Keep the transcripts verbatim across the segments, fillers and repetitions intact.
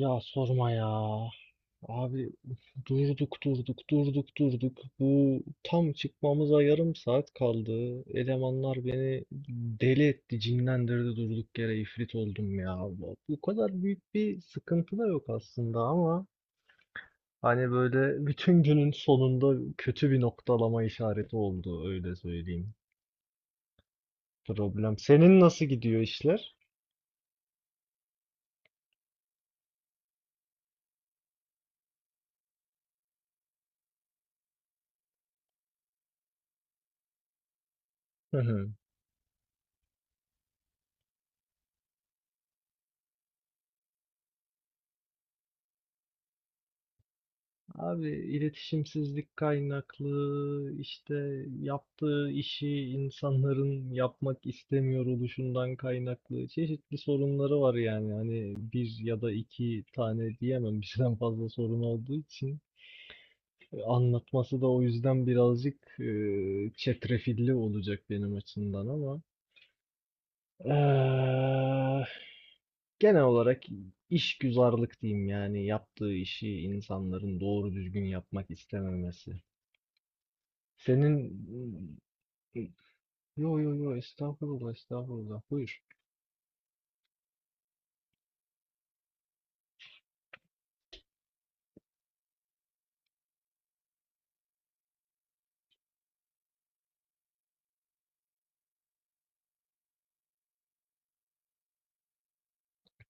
Ya sorma ya. Abi durduk durduk durduk durduk. Bu tam çıkmamıza yarım saat kaldı. Elemanlar beni deli etti, cinlendirdi durduk yere ifrit oldum ya. Bu bu kadar büyük bir sıkıntı da yok aslında ama hani böyle bütün günün sonunda kötü bir noktalama işareti oldu öyle söyleyeyim. Problem. Senin nasıl gidiyor işler? Abi iletişimsizlik kaynaklı işte yaptığı işi insanların yapmak istemiyor oluşundan kaynaklı çeşitli sorunları var yani hani bir ya da iki tane diyemem birden fazla sorun olduğu için. E, anlatması da o yüzden birazcık e, çetrefilli olacak benim açımdan ama eee, genel olarak işgüzarlık diyeyim yani yaptığı işi insanların doğru düzgün yapmak istememesi. Senin yo yo yo estağfurullah estağfurullah buyur.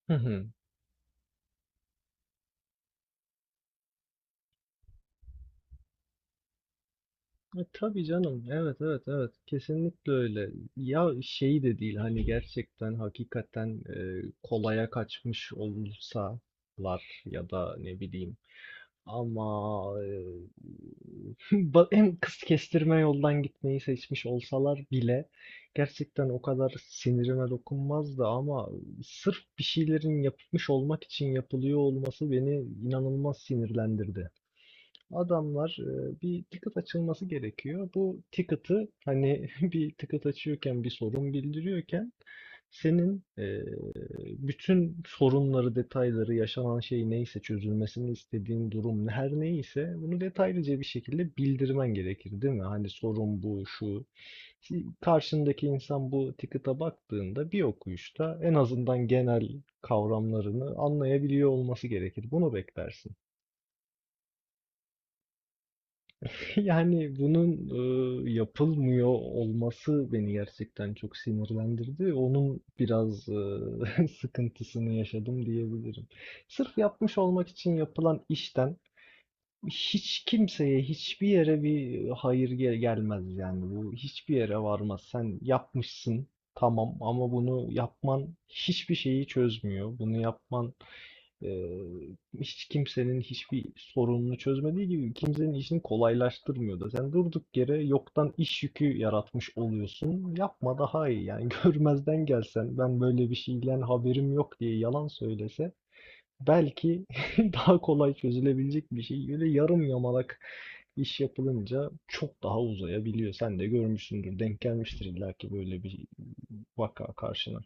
Hı hı. E, tabii canım, evet evet evet kesinlikle öyle. Ya şey de değil hani gerçekten hakikaten e, kolaya kaçmış olsalar ya da ne bileyim. Ama e, ba- hem kız kestirme yoldan gitmeyi seçmiş olsalar bile gerçekten o kadar sinirime dokunmazdı ama sırf bir şeylerin yapılmış olmak için yapılıyor olması beni inanılmaz sinirlendirdi. Adamlar e, bir ticket açılması gerekiyor. Bu ticket'ı hani bir ticket açıyorken, bir sorun bildiriyorken senin bütün sorunları, detayları, yaşanan şey neyse, çözülmesini istediğin durum her neyse bunu detaylıca bir şekilde bildirmen gerekir, değil mi? Hani sorun bu, şu. Ki Karşındaki insan bu ticket'a baktığında bir okuyuşta en azından genel kavramlarını anlayabiliyor olması gerekir. Bunu beklersin. Yani bunun eee, yapılmıyor olması beni gerçekten çok sinirlendirdi. Onun biraz eee, sıkıntısını yaşadım diyebilirim. Sırf yapmış olmak için yapılan işten hiç kimseye, hiçbir yere bir hayır gel- gelmez yani. Bu hiçbir yere varmaz. Sen yapmışsın, tamam, ama bunu yapman hiçbir şeyi çözmüyor. Bunu yapman ee, hiç kimsenin hiçbir sorununu çözmediği gibi kimsenin işini kolaylaştırmıyor da. Sen durduk yere yoktan iş yükü yaratmış oluyorsun. Yapma daha iyi yani. Görmezden gelsen, ben böyle bir şeyden haberim yok diye yalan söylese belki daha kolay çözülebilecek bir şey. Böyle yarım yamalak iş yapılınca çok daha uzayabiliyor. Sen de görmüşsündür, denk gelmiştir illaki böyle bir vaka karşına.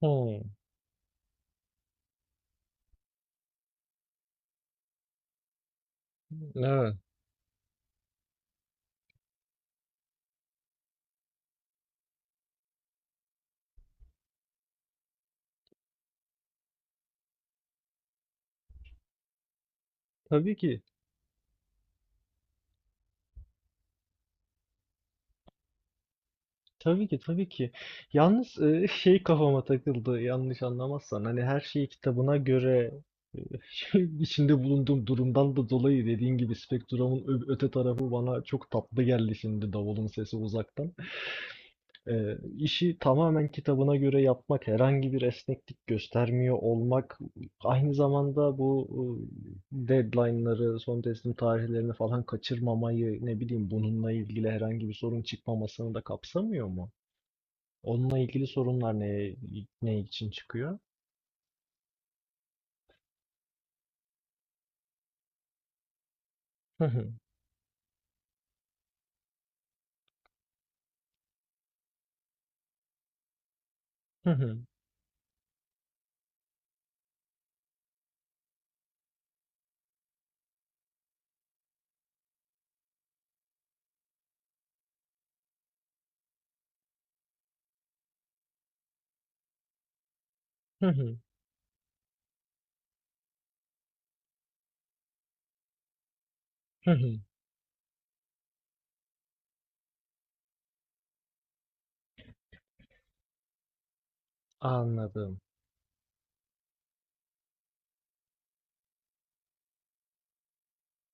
Hmm, evet. Tabii ki. Tabii ki, tabii ki. Yalnız, eee, şey kafama takıldı, yanlış anlamazsan. Hani her şeyi kitabına göre, eee, içinde bulunduğum durumdan da dolayı dediğin gibi spektrumun ö- öte tarafı bana çok tatlı geldi şimdi, davulun sesi uzaktan. Eee işi tamamen kitabına göre yapmak, herhangi bir esneklik göstermiyor olmak, aynı zamanda bu eee, deadline'ları, son teslim tarihlerini falan kaçırmamayı, ne bileyim, bununla ilgili herhangi bir sorun çıkmamasını da kapsamıyor mu? Onunla ilgili sorunlar ne ne için çıkıyor? Hı hı. Hı hı. Hı hı. Hı hı. Anladım.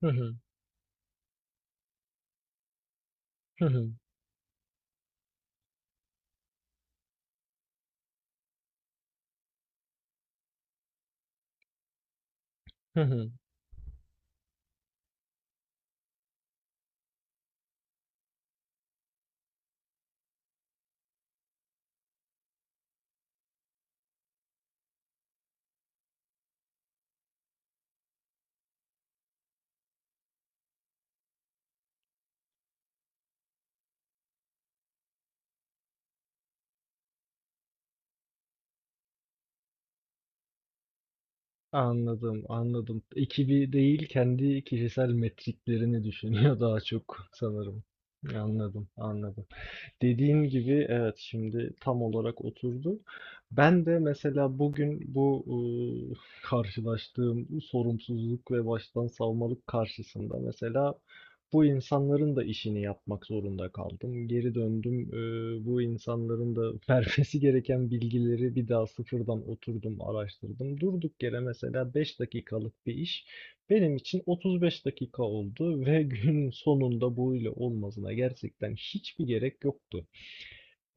Hı hı. Hı hı. Hı hı. Anladım, anladım. Ekibi değil, kendi kişisel metriklerini düşünüyor daha çok sanırım. Anladım, anladım. Dediğin gibi, evet, şimdi tam olarak oturdu. Ben de mesela bugün bu ıı, karşılaştığım sorumsuzluk ve baştan savmalık karşısında mesela bu insanların da işini yapmak zorunda kaldım. Geri döndüm. ıı, bu insanların da vermesi gereken bilgileri bir daha sıfırdan oturdum, araştırdım. Durduk yere mesela beş dakikalık bir iş benim için otuz beş dakika oldu ve günün sonunda bu ile olmasına gerçekten hiçbir gerek yoktu.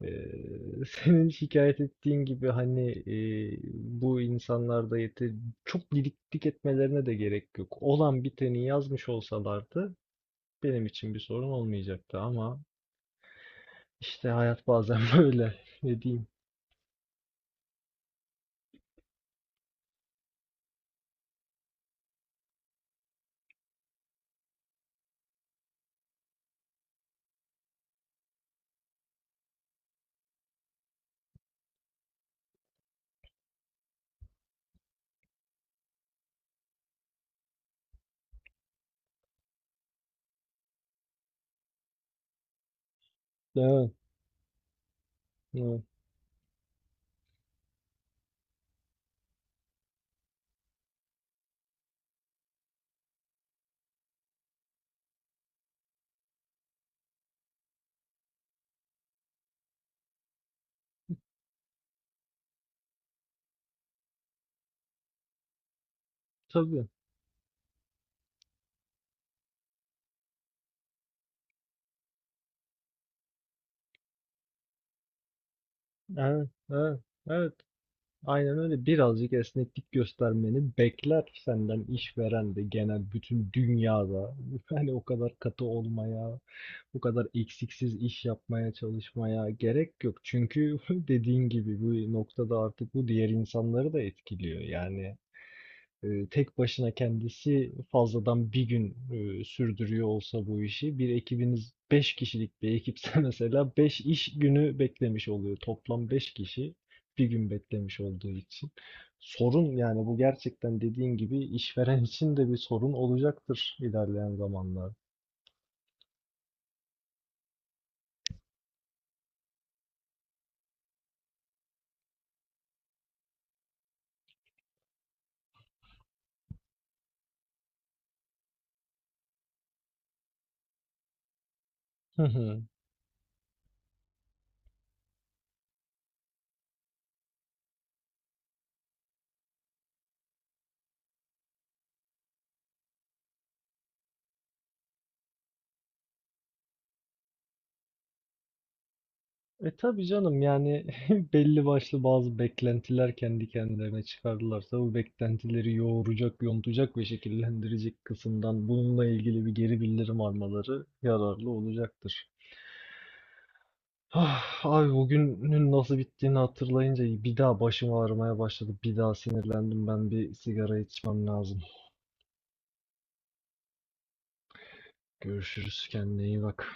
Ee, senin şikayet ettiğin gibi hani e, bu insanlarda yeter, çok didiklik etmelerine de gerek yok. Olan biteni yazmış olsalardı benim için bir sorun olmayacaktı ama işte hayat bazen böyle, ne diyeyim. Evet, evet. Tabii. Evet, evet, evet. Aynen öyle. Birazcık esneklik göstermeni bekler senden işveren de, genel bütün dünyada. Yani o kadar katı olmaya, o kadar eksiksiz iş yapmaya çalışmaya gerek yok. Çünkü dediğin gibi bu noktada artık bu diğer insanları da etkiliyor. Yani e, tek başına kendisi fazladan bir gün e, sürdürüyor olsa bu işi, bir ekibiniz beş kişilik bir ekipse mesela beş iş günü beklemiş oluyor. Toplam beş kişi bir gün beklemiş olduğu için. Sorun yani, bu gerçekten dediğin gibi işveren için de bir sorun olacaktır ilerleyen zamanlar. E tabii canım, yani belli başlı bazı beklentiler kendi kendilerine çıkardılarsa bu beklentileri yoğuracak, yontacak ve şekillendirecek kısımdan bununla ilgili bir geri bildirim almaları yararlı olacaktır. Ah, abi, bugünün nasıl bittiğini hatırlayınca bir daha başım ağrımaya başladı. Bir daha sinirlendim. Ben bir sigara içmem lazım. Görüşürüz. Kendine iyi bak.